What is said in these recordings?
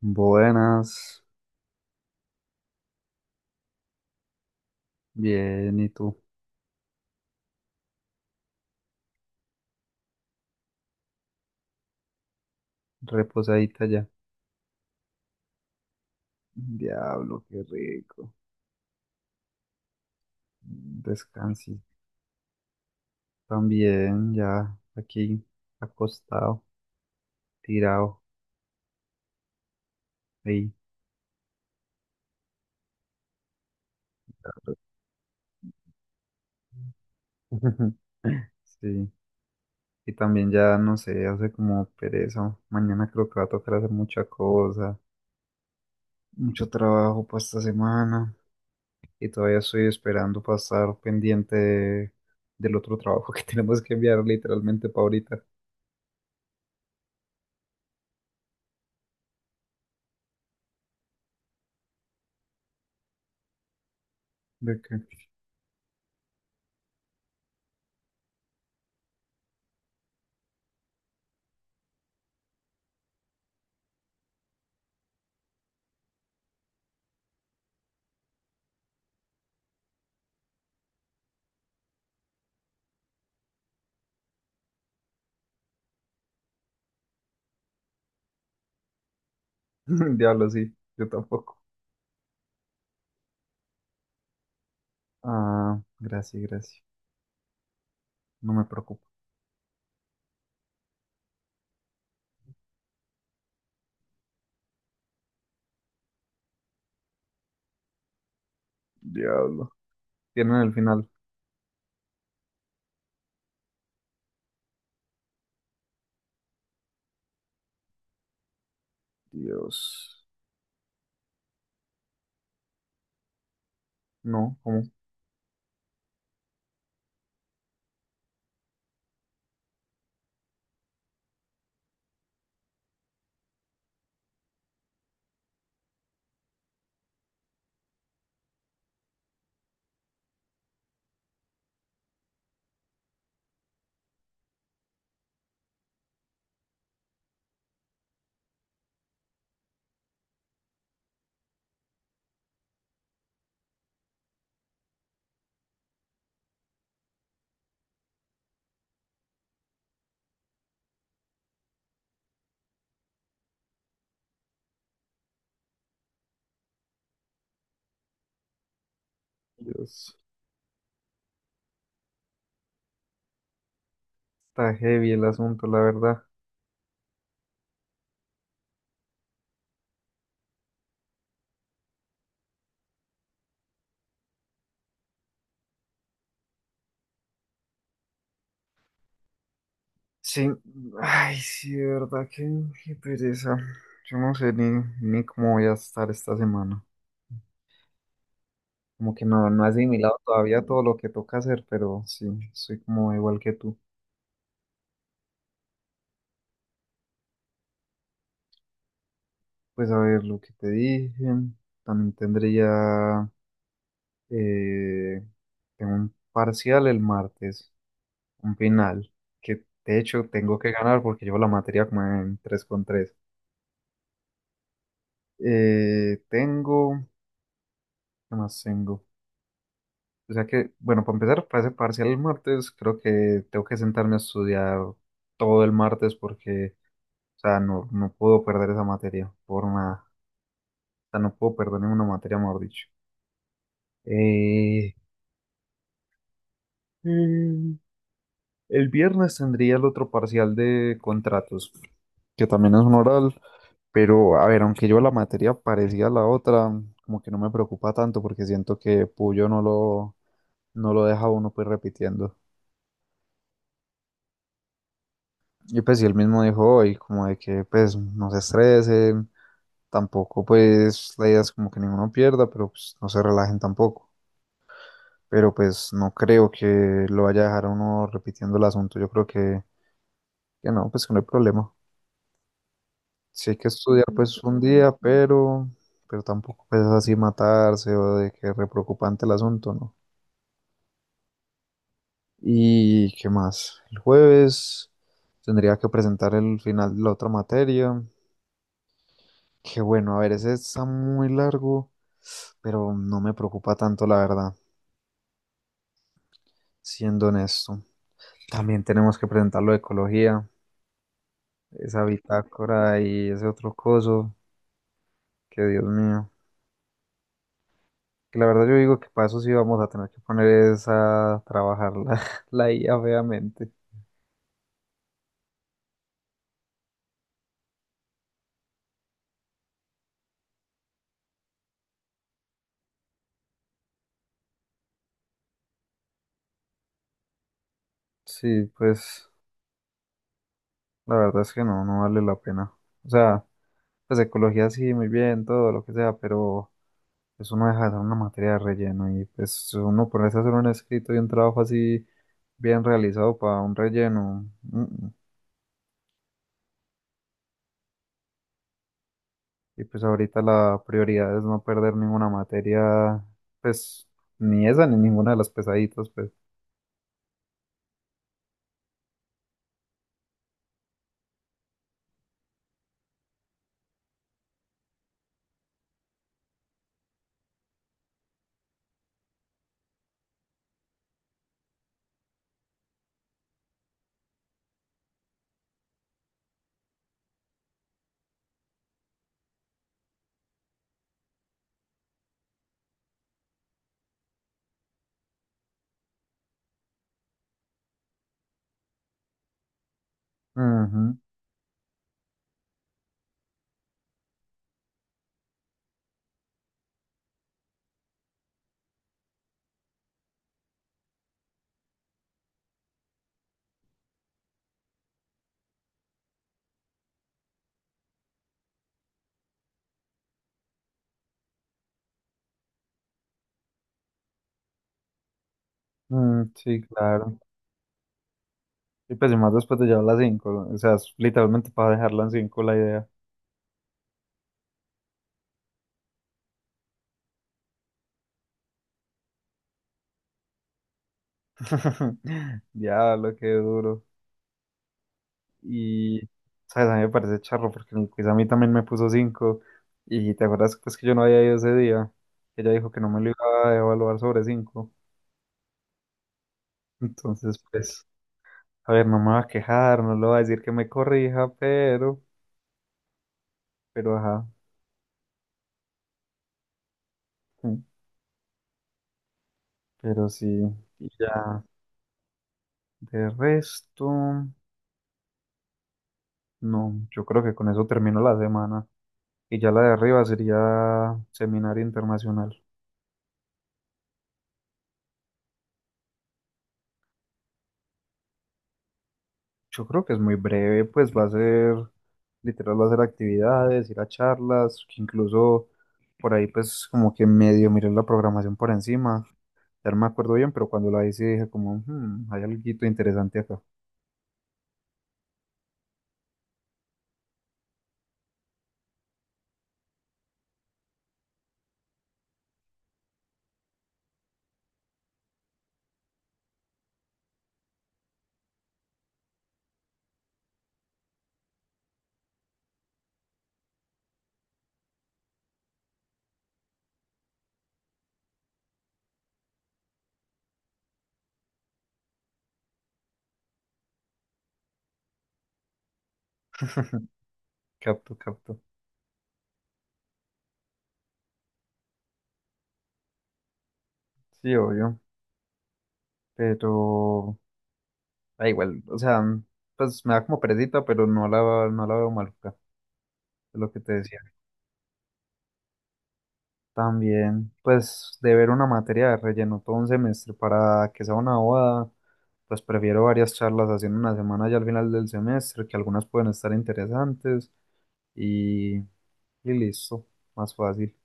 Buenas, bien, ¿y tú? Reposadita ya. Diablo, qué rico. Descansi. También, ya aquí, acostado, tirado, ahí. Sí. Y también ya, no sé, hace como pereza. Mañana creo que va a tocar hacer mucha cosa. Mucho trabajo para esta semana. Y todavía estoy esperando para estar pendiente de- del otro trabajo que tenemos que enviar literalmente para ahorita. ¿De qué? Diablo, sí, yo tampoco. Ah, gracias, gracias. No me preocupo. Diablo. Tienen el final. Dios. No, ¿cómo? Dios. Está heavy el asunto, la verdad. Sí. Ay, sí, de verdad, qué, qué pereza. Yo no sé ni cómo voy a estar esta semana. Como que no he asimilado todavía todo lo que toca hacer, pero sí, soy como igual que tú. Pues a ver lo que te dije. También tendría... Eh, tengo un parcial el martes. Un final, que de hecho tengo que ganar porque llevo la materia como en 3 con tres. Tengo, ¿qué más tengo? O sea que, bueno, para empezar, para ese parcial el martes, creo que tengo que sentarme a estudiar todo el martes porque, o sea, no puedo perder esa materia por nada. O sea, no puedo perder ninguna materia, mejor dicho. Eh, El viernes tendría el otro parcial de contratos, que también es un oral, pero a ver, aunque yo la materia parecía la otra, como que no me preocupa tanto porque siento que Puyo no lo deja a uno pues repitiendo. Y pues si él mismo dijo hoy, como de que pues no se estresen, tampoco pues la idea es como que ninguno pierda, pero pues no se relajen tampoco. Pero pues no creo que lo vaya a dejar a uno repitiendo el asunto, yo creo que no, pues que no hay problema. Sí hay que estudiar pues un día, pero tampoco pues así matarse o de que re preocupante el asunto, ¿no? ¿Y qué más? El jueves tendría que presentar el final de la otra materia, que bueno, a ver, ese está muy largo, pero no me preocupa tanto la verdad, siendo honesto. También tenemos que presentar lo de ecología, esa bitácora y ese otro coso, que Dios mío. Que la verdad yo digo que para eso sí vamos a tener que poner esa, a trabajar la, la IA feamente. Sí, pues la verdad es que no vale la pena. O sea, pues ecología sí, muy bien, todo lo que sea, pero eso no deja de ser una materia de relleno y pues uno ponerse a hacer un escrito y un trabajo así bien realizado para un relleno. Mm. Y pues ahorita la prioridad es no perder ninguna materia, pues ni esa ni ninguna de las pesaditas, pues. Ujú. Sí, claro. Y pues y más después de llevar la cinco, o sea, es literalmente para dejarla en 5 la idea. Diablo, qué duro. Y, ¿sabes? A mí me parece charro porque en el quiz a mí también me puso cinco. Y te acuerdas pues que yo no había ido ese día. Ella dijo que no me lo iba a evaluar sobre cinco. Entonces, pues, a ver, no me va a quejar, no le va a decir que me corrija, pero ajá. mm, Pero sí, y ya, de resto, no, yo creo que con eso termino la semana. Y ya la de arriba sería seminario internacional. Yo creo que es muy breve, pues va a ser, literal, va a ser actividades, ir a charlas, que incluso por ahí pues como que medio miré la programación por encima. Ya no me acuerdo bien, pero cuando la hice dije como, "Hmm, hay algo interesante acá". Capto, capto. Sí, obvio. Pero da igual, o sea, pues me da como perecita, pero no la veo maluca, es lo que te decía. También, pues, de ver una materia de relleno todo un semestre para que sea una bobada, pues prefiero varias charlas haciendo una semana ya al final del semestre, que algunas pueden estar interesantes y, y listo, más fácil.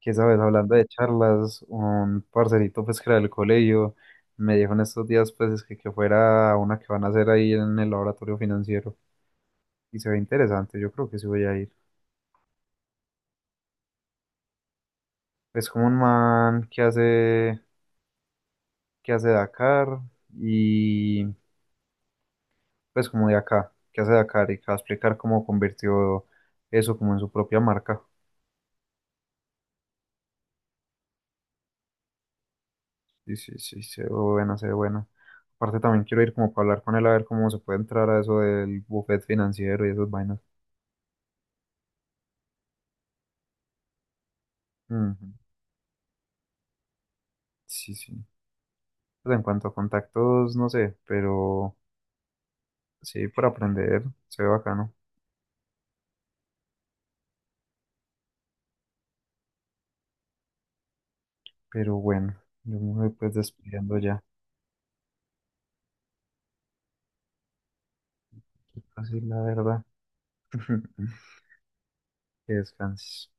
Que sabes, hablando de charlas, un parcerito pues que era del colegio me dijo en estos días pues es que fuera a una que van a hacer ahí en el laboratorio financiero y se ve interesante, yo creo que sí voy a ir. Es como un man que hace Dakar y pues como de acá, que hace Dakar y que va a explicar cómo convirtió eso como en su propia marca. Sí, sí, sí, se ve buena, se ve buena. Aparte también quiero ir como para hablar con él a ver cómo se puede entrar a eso del buffet financiero y esas vainas. Ujú. Sí, sí. Pues en cuanto a contactos, no sé, pero sí, por aprender, se ve bacano. Pero bueno, yo me voy pues despidiendo ya. Así la verdad. Que descanses.